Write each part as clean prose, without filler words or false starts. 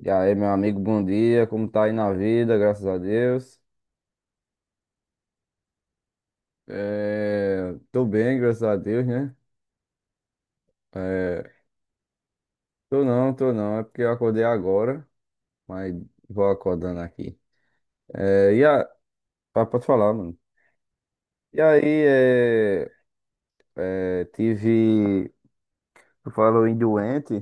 E aí, meu amigo, bom dia. Como tá aí na vida? Graças a Deus. É, tô bem, graças a Deus, né? É, tô não, tô não. É porque eu acordei agora, mas vou acordando aqui. É, ah, pode falar, mano. E aí, é, Tive... tu falou em doente.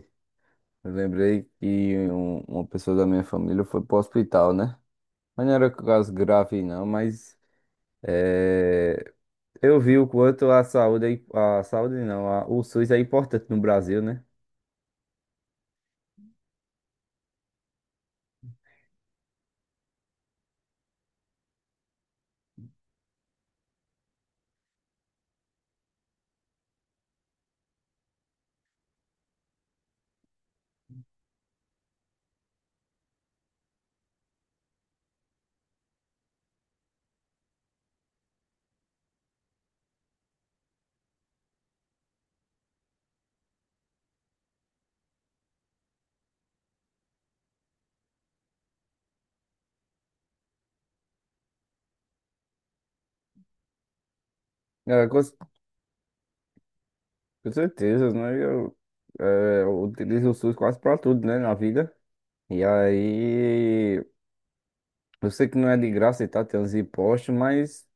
Eu lembrei que uma pessoa da minha família foi pro hospital, né? Mas não era caso grave, não, mas é, eu vi o quanto a saúde, a saúde não, o SUS é importante no Brasil, né? É, com certeza, né? Eu utilizo o SUS quase pra tudo, né, na vida. E aí, eu sei que não é de graça e tá, tem uns impostos,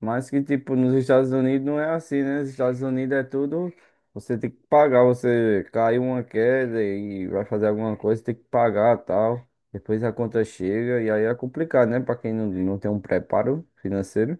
mas que tipo, nos Estados Unidos não é assim, né? Nos Estados Unidos é tudo, você tem que pagar, você caiu uma queda e vai fazer alguma coisa, tem que pagar tal. Depois a conta chega e aí é complicado, né? Pra quem não, não tem um preparo financeiro.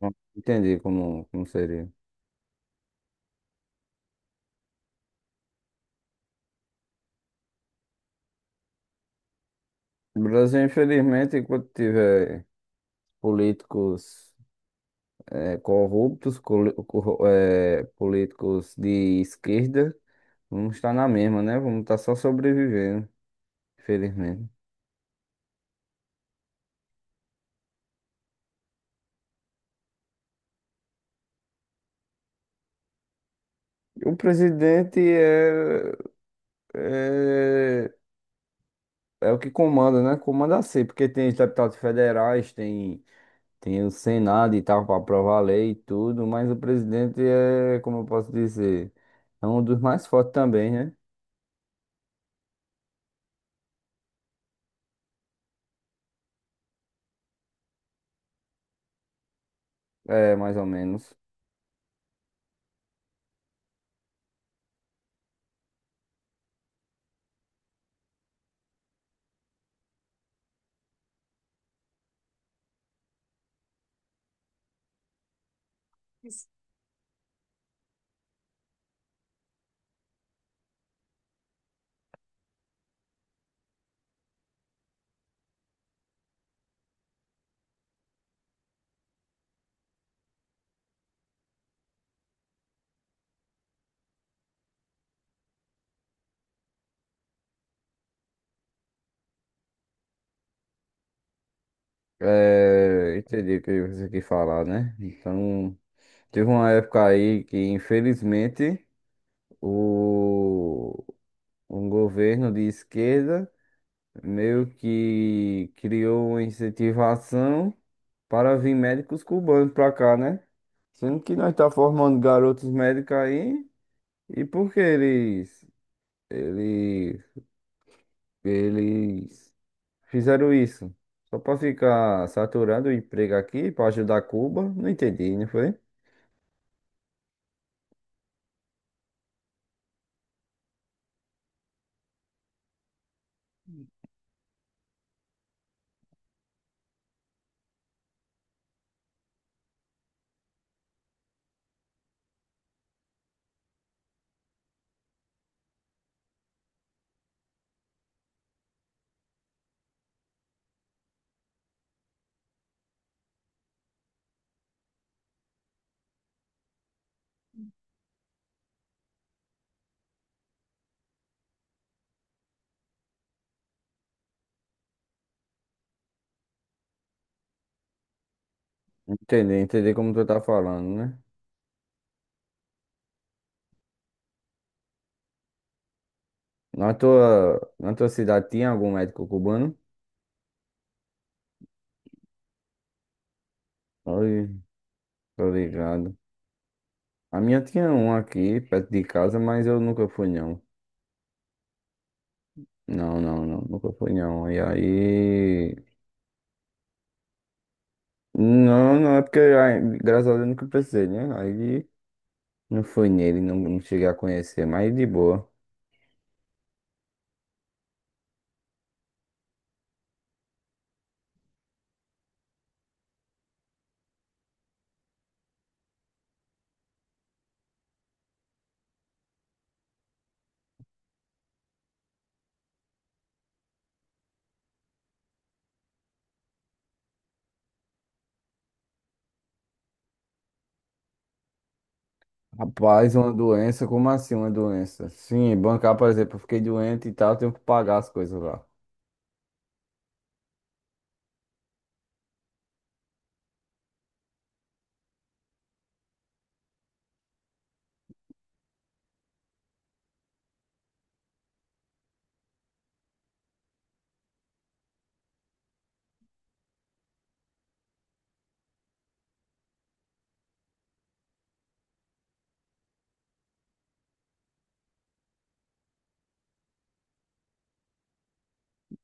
Não entendi como, seria. O Brasil, infelizmente, enquanto tiver políticos corruptos, políticos de esquerda, vamos estar na mesma, né? Vamos estar só sobrevivendo, infelizmente. O presidente é, é o que comanda, né? Comanda assim, porque tem os deputados federais, tem o Senado e tal, para aprovar a lei e tudo, mas o presidente é, como eu posso dizer, é um dos mais fortes também, né? É, mais ou menos. É, entendi o que você quis falar, né? Então, teve uma época aí que, infelizmente, o, um governo de esquerda meio que criou uma incentivação para vir médicos cubanos para cá, né? Sendo que nós tá formando garotos médicos aí, e porque eles, eles, eles fizeram isso. Só pra ficar saturando o emprego aqui, pra ajudar Cuba. Não entendi, não foi? Entendi, entendi como tu tá falando, né? Na tua cidade tinha algum médico cubano? Oi, tô ligado. A minha tinha um aqui, perto de casa, mas eu nunca fui, não. Não, não, não, nunca fui, não. E aí. Não, não, é porque, ai, graças a Deus, eu nunca precisei, né? Aí não fui nele, não, não cheguei a conhecer, mas de boa. Rapaz, uma doença, como assim uma doença? Sim, bancar, por exemplo, eu fiquei doente e tal, eu tenho que pagar as coisas lá.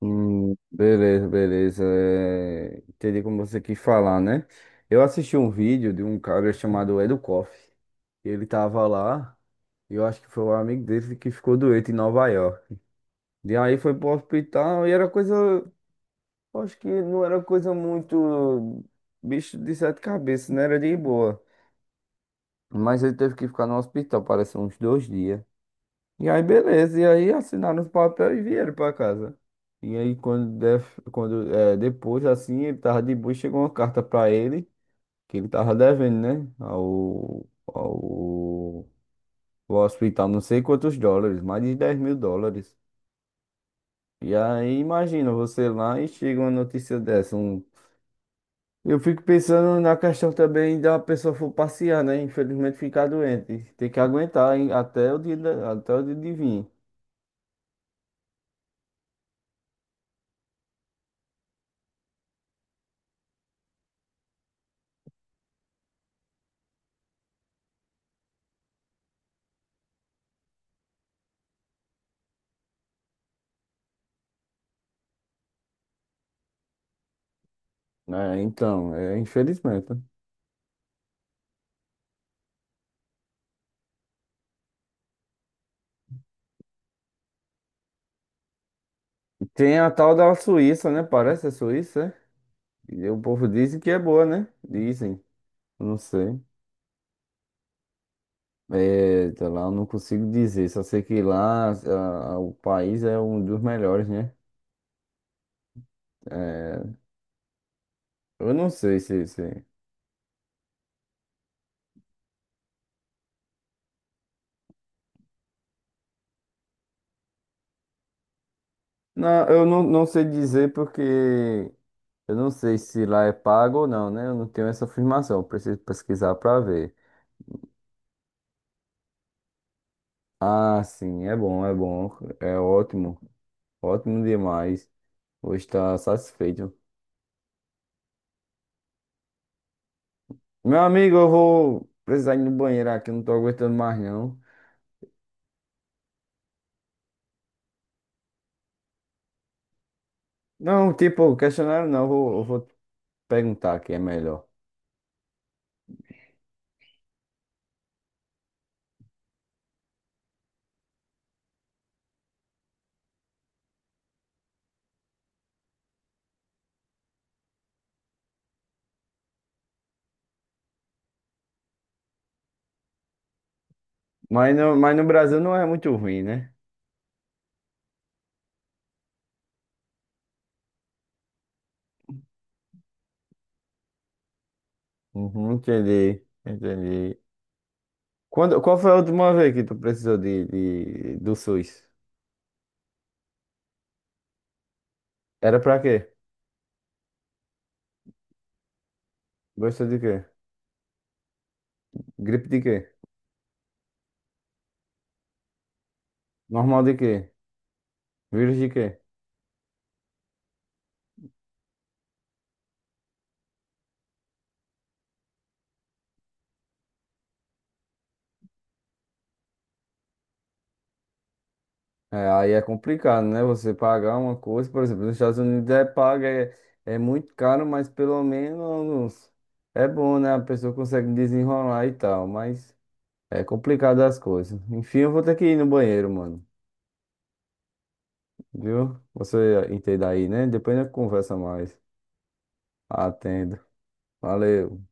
Beleza, beleza. Entendi como você quis falar, né? Eu assisti um vídeo de um cara chamado Edu Koff. Ele tava lá, e eu acho que foi um amigo dele que ficou doente em Nova York. E aí foi pro hospital e era coisa. Eu acho que não era coisa muito. Bicho de sete cabeças, não era de boa. Mas ele teve que ficar no hospital, parece uns 2 dias. E aí, beleza. E aí assinaram os papéis e vieram pra casa. E aí, quando, def- quando é, depois, assim, ele tava de boa, e chegou uma carta pra ele, que ele tava devendo, né? Ao hospital, não sei quantos dólares, mais de 10 mil dólares. E aí, imagina você lá e chega uma notícia dessa. Eu fico pensando na questão também da pessoa for passear, né? Infelizmente, ficar doente. Tem que aguentar hein, até o dia de vir. Né? Então, infelizmente. Tem a tal da Suíça, né? Parece a Suíça, é? E o povo dizem que é boa, né? Dizem, não sei. É, tá lá, eu não consigo dizer, só sei que lá o país é um dos melhores, né? É, eu não sei se, se. Não, eu não, não sei dizer porque eu não sei se lá é pago ou não, né? Eu não tenho essa afirmação, eu preciso pesquisar pra ver. Ah, sim, é bom, é ótimo, ótimo demais. Vou estar satisfeito. Meu amigo, eu vou precisar ir no banheiro aqui, eu não tô aguentando mais não. Não, tipo, questionário não, eu vou perguntar aqui, é melhor. Mas no Brasil não é muito ruim, né? Uhum, entendi, entendi. Quando, qual foi a última vez que tu precisou do SUS? Era pra quê? Gostou de quê? Gripe de quê? Normal de quê? Vírus de quê? É, aí é complicado, né? Você pagar uma coisa, por exemplo, nos Estados Unidos é paga, é muito caro, mas pelo menos é bom, né? A pessoa consegue desenrolar e tal, mas é complicado as coisas. Enfim, eu vou ter que ir no banheiro, mano. Viu? Você entende aí, né? Depois a gente conversa mais. Atendo. Valeu.